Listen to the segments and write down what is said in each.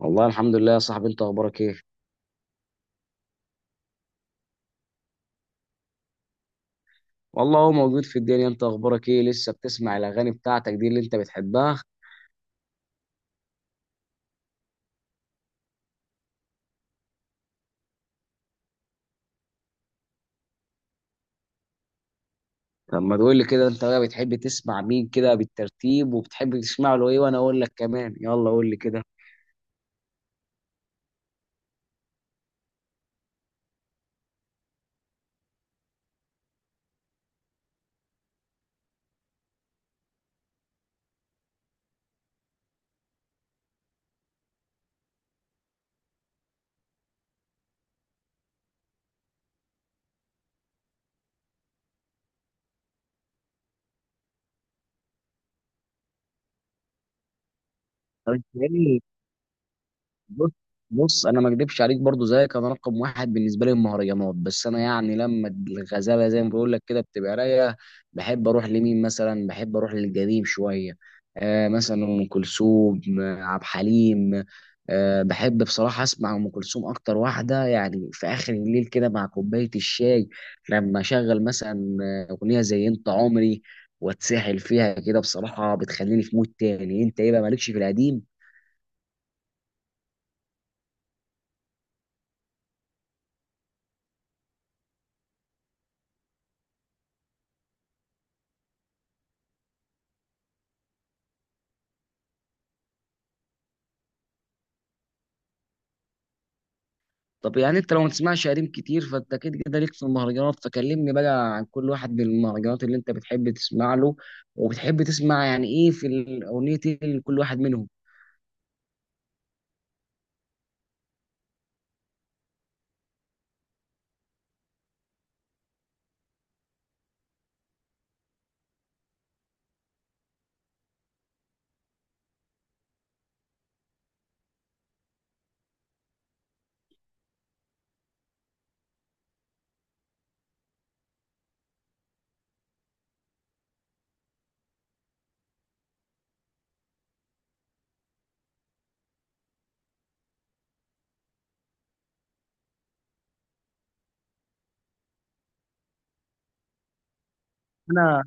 والله الحمد لله يا صاحبي، انت اخبارك ايه؟ والله هو موجود في الدنيا. انت اخبارك ايه؟ لسه بتسمع الاغاني بتاعتك دي اللي انت بتحبها؟ طب ما تقول لي كده، انت بقى بتحب تسمع مين كده بالترتيب وبتحب تسمع له ايه وانا اقول لك كمان، يلا قول لي كده. طب انت ايه؟ بص. بص انا ما اكدبش عليك، برضو زيك انا رقم واحد بالنسبه لي المهرجانات، بس انا يعني لما الغزاله زي ما بقول لك كده بتبقى رايقه، بحب اروح لمين مثلا؟ بحب اروح للقديم شويه. آه مثلا ام كلثوم، عبد الحليم. آه بحب بصراحه اسمع ام كلثوم اكتر واحده، يعني في اخر الليل كده مع كوبايه الشاي لما اشغل مثلا اغنيه زي انت عمري واتسحل فيها كده، بصراحه بتخليني في مود تاني. انت ايه بقى، مالكش في القديم؟ طب يعني انت لو ما تسمعش قديم كتير فانت كده كده ليك في المهرجانات، فكلمني بقى عن كل واحد من المهرجانات اللي انت بتحب تسمع له وبتحب تسمع يعني ايه في الاغنيه لكل واحد منهم. انا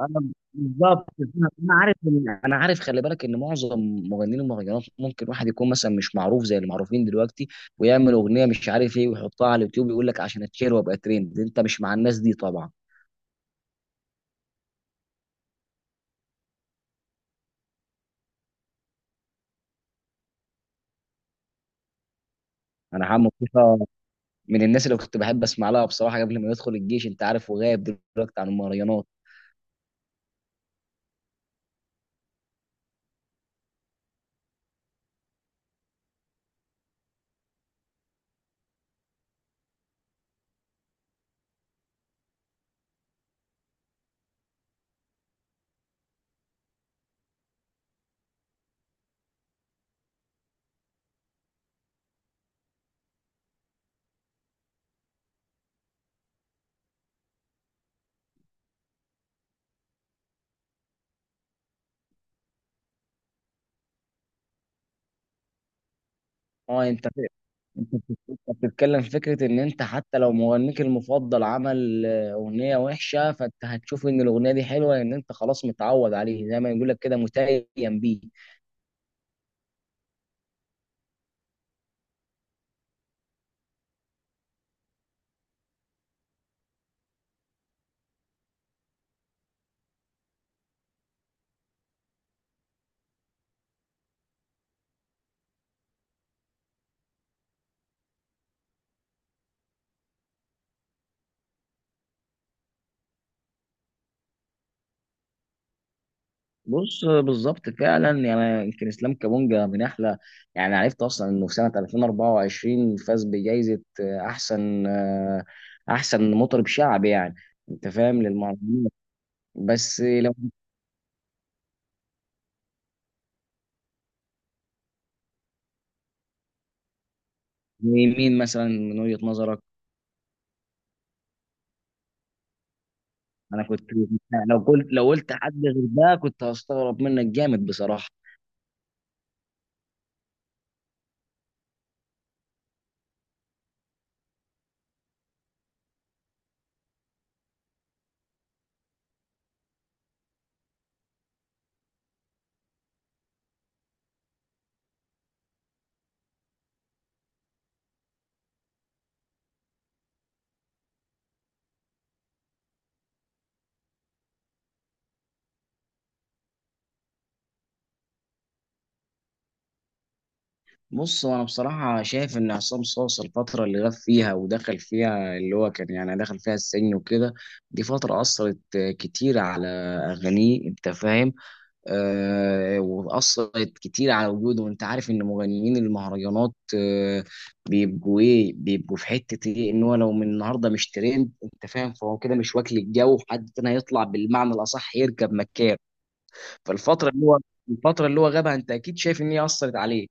انا بالظبط انا عارف ان عارف، خلي بالك ان معظم مغنيين المهرجانات ممكن واحد يكون مثلا مش معروف زي المعروفين دلوقتي ويعمل اغنيه مش عارف ايه ويحطها على اليوتيوب، يقول لك عشان اتشير وابقى ترند. انت مش مع الناس دي طبعا. انا عم مصطفى من الناس اللي كنت بحب اسمع لها بصراحه قبل ما يدخل الجيش، انت عارف، وغايب دلوقتي عن المهرجانات. اه، انت، انت بتتكلم في فكره ان انت حتى لو مغنيك المفضل عمل اغنيه وحشه فانت هتشوف ان الاغنيه دي حلوه، ان انت خلاص متعود عليه، زي ما يقول لك كده متيم بيه. بص بالظبط فعلا. يعني يمكن اسلام كابونجا من احلى، يعني عرفت اصلا انه في سنه 2024 فاز بجائزه احسن مطرب شعبي يعني، انت فاهم، للمهرجان. بس لو مين، مين مثلا من وجهة نظرك؟ انا كنت لو قلت حد غير ده كنت هستغرب منك جامد بصراحة. بص انا بصراحة شايف ان عصام صاصا الفترة اللي غاب فيها ودخل فيها اللي هو كان يعني دخل فيها السجن وكده، دي فترة اثرت كتير على اغانيه، انت فاهم. واثرت كتير على وجوده، وانت عارف ان مغنيين المهرجانات بيبقوا ايه، بيبقوا في حته ايه، ان هو لو من النهارده مش ترند انت فاهم فهو كده مش واكل الجو، حد تاني هيطلع بالمعنى الاصح يركب مكان. فالفتره اللي هو، الفتره اللي هو غابها انت اكيد شايف ان هي اثرت عليه.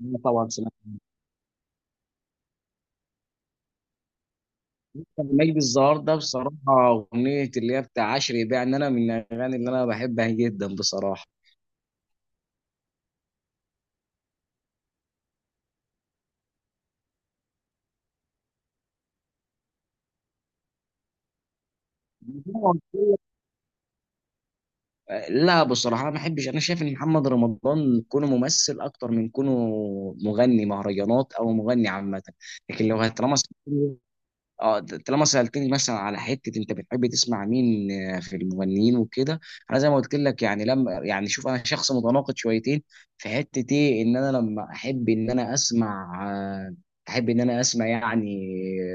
أنا طبعا سمعت. مجدي الزهار ده بصراحه، اغنيه اللي هي بتاع عشري بيع ان انا من الاغاني اللي انا بحبها جدا بصراحه. لا بصراحة ما احبش، انا شايف ان محمد رمضان كونه ممثل اكتر من كونه مغني مهرجانات او مغني عامة. لكن لو هترمس، اه، طالما سألتني مثلا على حتة انت بتحب تسمع مين في المغنيين وكده، انا زي ما قلت لك يعني لما يعني شوف، انا شخص متناقض شويتين في حتة ايه، ان انا لما احب ان انا اسمع يعني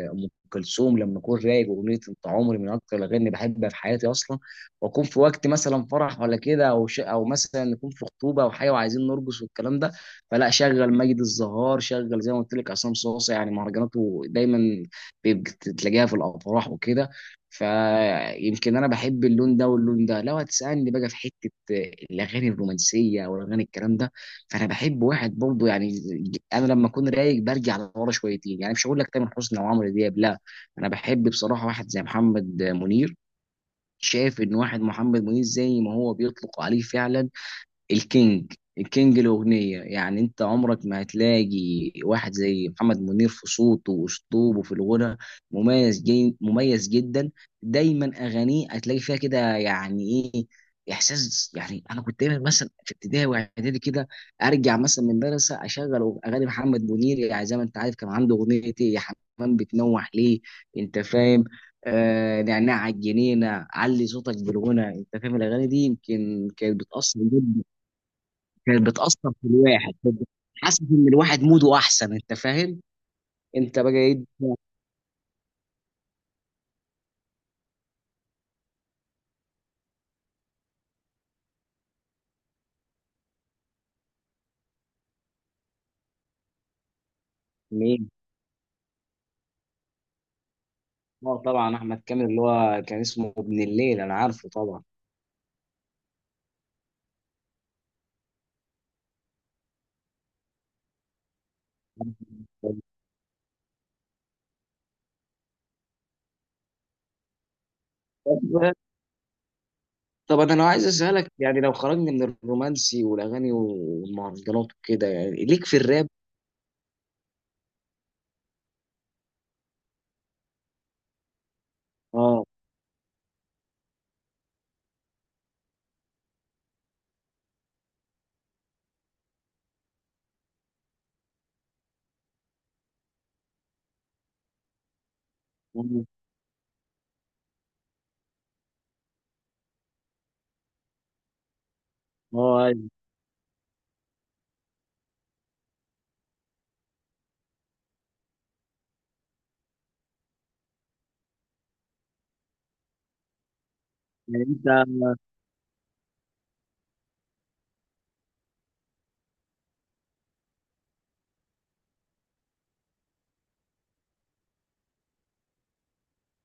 ام كلثوم لما اكون رايق، واغنية انت عمري من اكتر الاغاني اللي بحبها في حياتي اصلا. واكون في وقت مثلا فرح ولا كده او او مثلا نكون في خطوبة او حاجة وعايزين نرقص والكلام ده، فلا شغل مجد الزهار، شغل زي ما قلت لك عصام صاصا، يعني مهرجاناته دايما بيبقى تلاقيها في الافراح وكده. فيمكن انا بحب اللون ده واللون ده. لو هتسالني بقى في حته الاغاني الرومانسيه او الاغاني الكلام ده، فانا بحب واحد برضه يعني، انا لما اكون رايق برجع لورا شويتين، يعني مش هقول لك تامر حسني او عمرو دياب لا، انا بحب بصراحه واحد زي محمد منير. شايف ان واحد محمد منير زي ما هو بيطلق عليه فعلا الكينج، الكينج الأغنية، يعني أنت عمرك ما هتلاقي واحد زي محمد منير في صوته وأسلوبه في الغنى، مميز مميز جدا. دايما أغانيه هتلاقي فيها كده يعني إيه، إحساس. يعني أنا كنت دايما مثلا في ابتدائي وإعدادي كده أرجع مثلا من المدرسة أشغل أغاني محمد منير، يعني زي ما أنت عارف كان عنده أغنية إيه يا حمام بتنوح ليه، أنت فاهم، آه نعناع على الجنينة، علي صوتك بالغنى، أنت فاهم الأغاني دي يمكن كانت بتأثر جدا، كانت بتأثر في الواحد حاسس ان الواحد موده احسن، انت فاهم. انت بقى ايه؟ مين؟ اه طبعا احمد كامل اللي هو كان اسمه ابن الليل، انا عارفه طبعا. طب انا لو عايز اسالك، يعني لو خرجنا من الرومانسي والاغاني والمهرجانات وكده، يعني ليك في الراب؟ اه، اه. يعني انت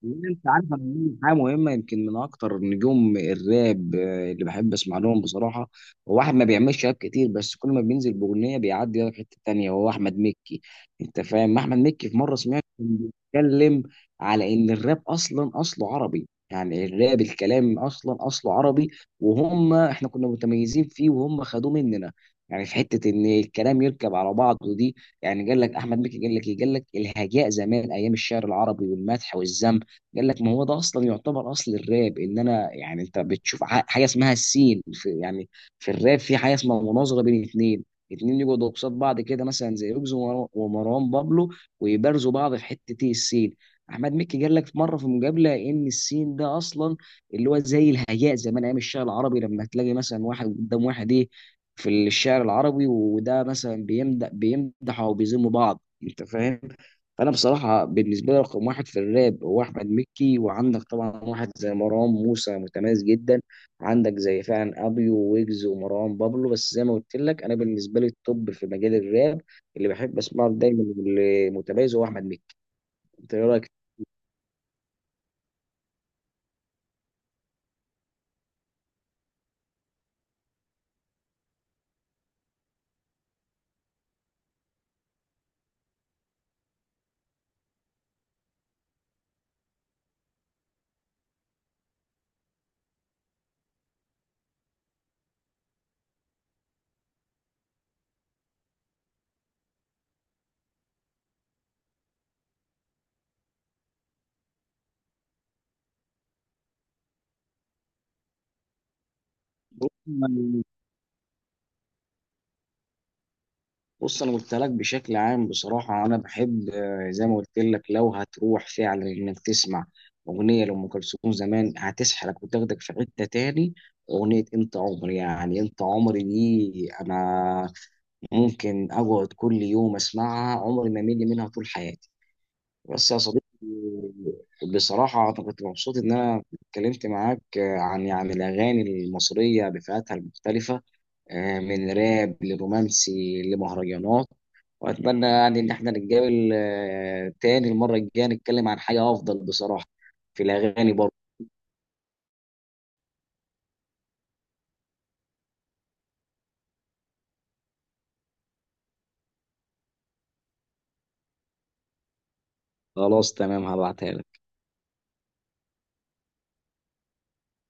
يعني انت عارف انا عندي حاجه مهمه، يمكن من اكتر نجوم الراب اللي بحب اسمع لهم بصراحه، هو واحد ما بيعملش راب كتير بس كل ما بينزل باغنيه بيعدي لك حته تانيه، هو احمد مكي. انت فاهم احمد مكي، في مره سمعت كان بيتكلم على ان الراب اصلا اصله عربي، يعني الراب الكلام اصلا اصله عربي وهم احنا كنا متميزين فيه وهم خدوه مننا، يعني في حته ان الكلام يركب على بعضه دي. يعني قال لك احمد مكي، قال لك ايه، قال لك الهجاء زمان ايام الشعر العربي والمدح والذم، قال لك ما هو ده اصلا يعتبر اصل الراب. ان انا يعني انت بتشوف حاجه اسمها السين في يعني في الراب، في حاجه اسمها مناظره بين اتنين، اتنين يقعدوا قصاد بعض كده مثلا زي ويجز ومروان بابلو ويبارزوا بعض في حته ايه، السين. احمد مكي قال لك في مره في مقابله ان السين ده اصلا اللي هو زي الهياء زمان ايام الشعر العربي، لما تلاقي مثلا واحد قدام واحد ايه في الشعر العربي وده مثلا بيمدح او بيذم بعض، انت فاهم. فانا بصراحه بالنسبه لي رقم واحد في الراب هو احمد مكي، وعندك طبعا واحد زي مروان موسى متميز جدا، عندك زي فعلا ابيو ويجز ومروان بابلو، بس زي ما قلت لك انا بالنسبه لي التوب في مجال الراب اللي بحب اسمعه دايما واللي متميز هو احمد مكي. انت ايه رايك؟ بص انا قلت لك بشكل عام بصراحه انا بحب زي ما قلت لك، لو هتروح فعلا انك تسمع اغنيه لام كلثوم زمان هتسحلك وتاخدك في حته تاني. اغنيه انت عمري، يعني انت عمري دي انا ممكن اقعد كل يوم اسمعها، عمري ما امل منها طول حياتي. بس يا صديقي، بصراحه انا كنت مبسوط ان انا اتكلمت معاك عن يعني الاغاني المصريه بفئاتها المختلفه، من راب لرومانسي لمهرجانات، واتمنى يعني ان احنا نتقابل تاني المره الجايه نتكلم عن حاجه افضل بصراحه في الاغاني برضه. خلاص تمام، هبعتها لك.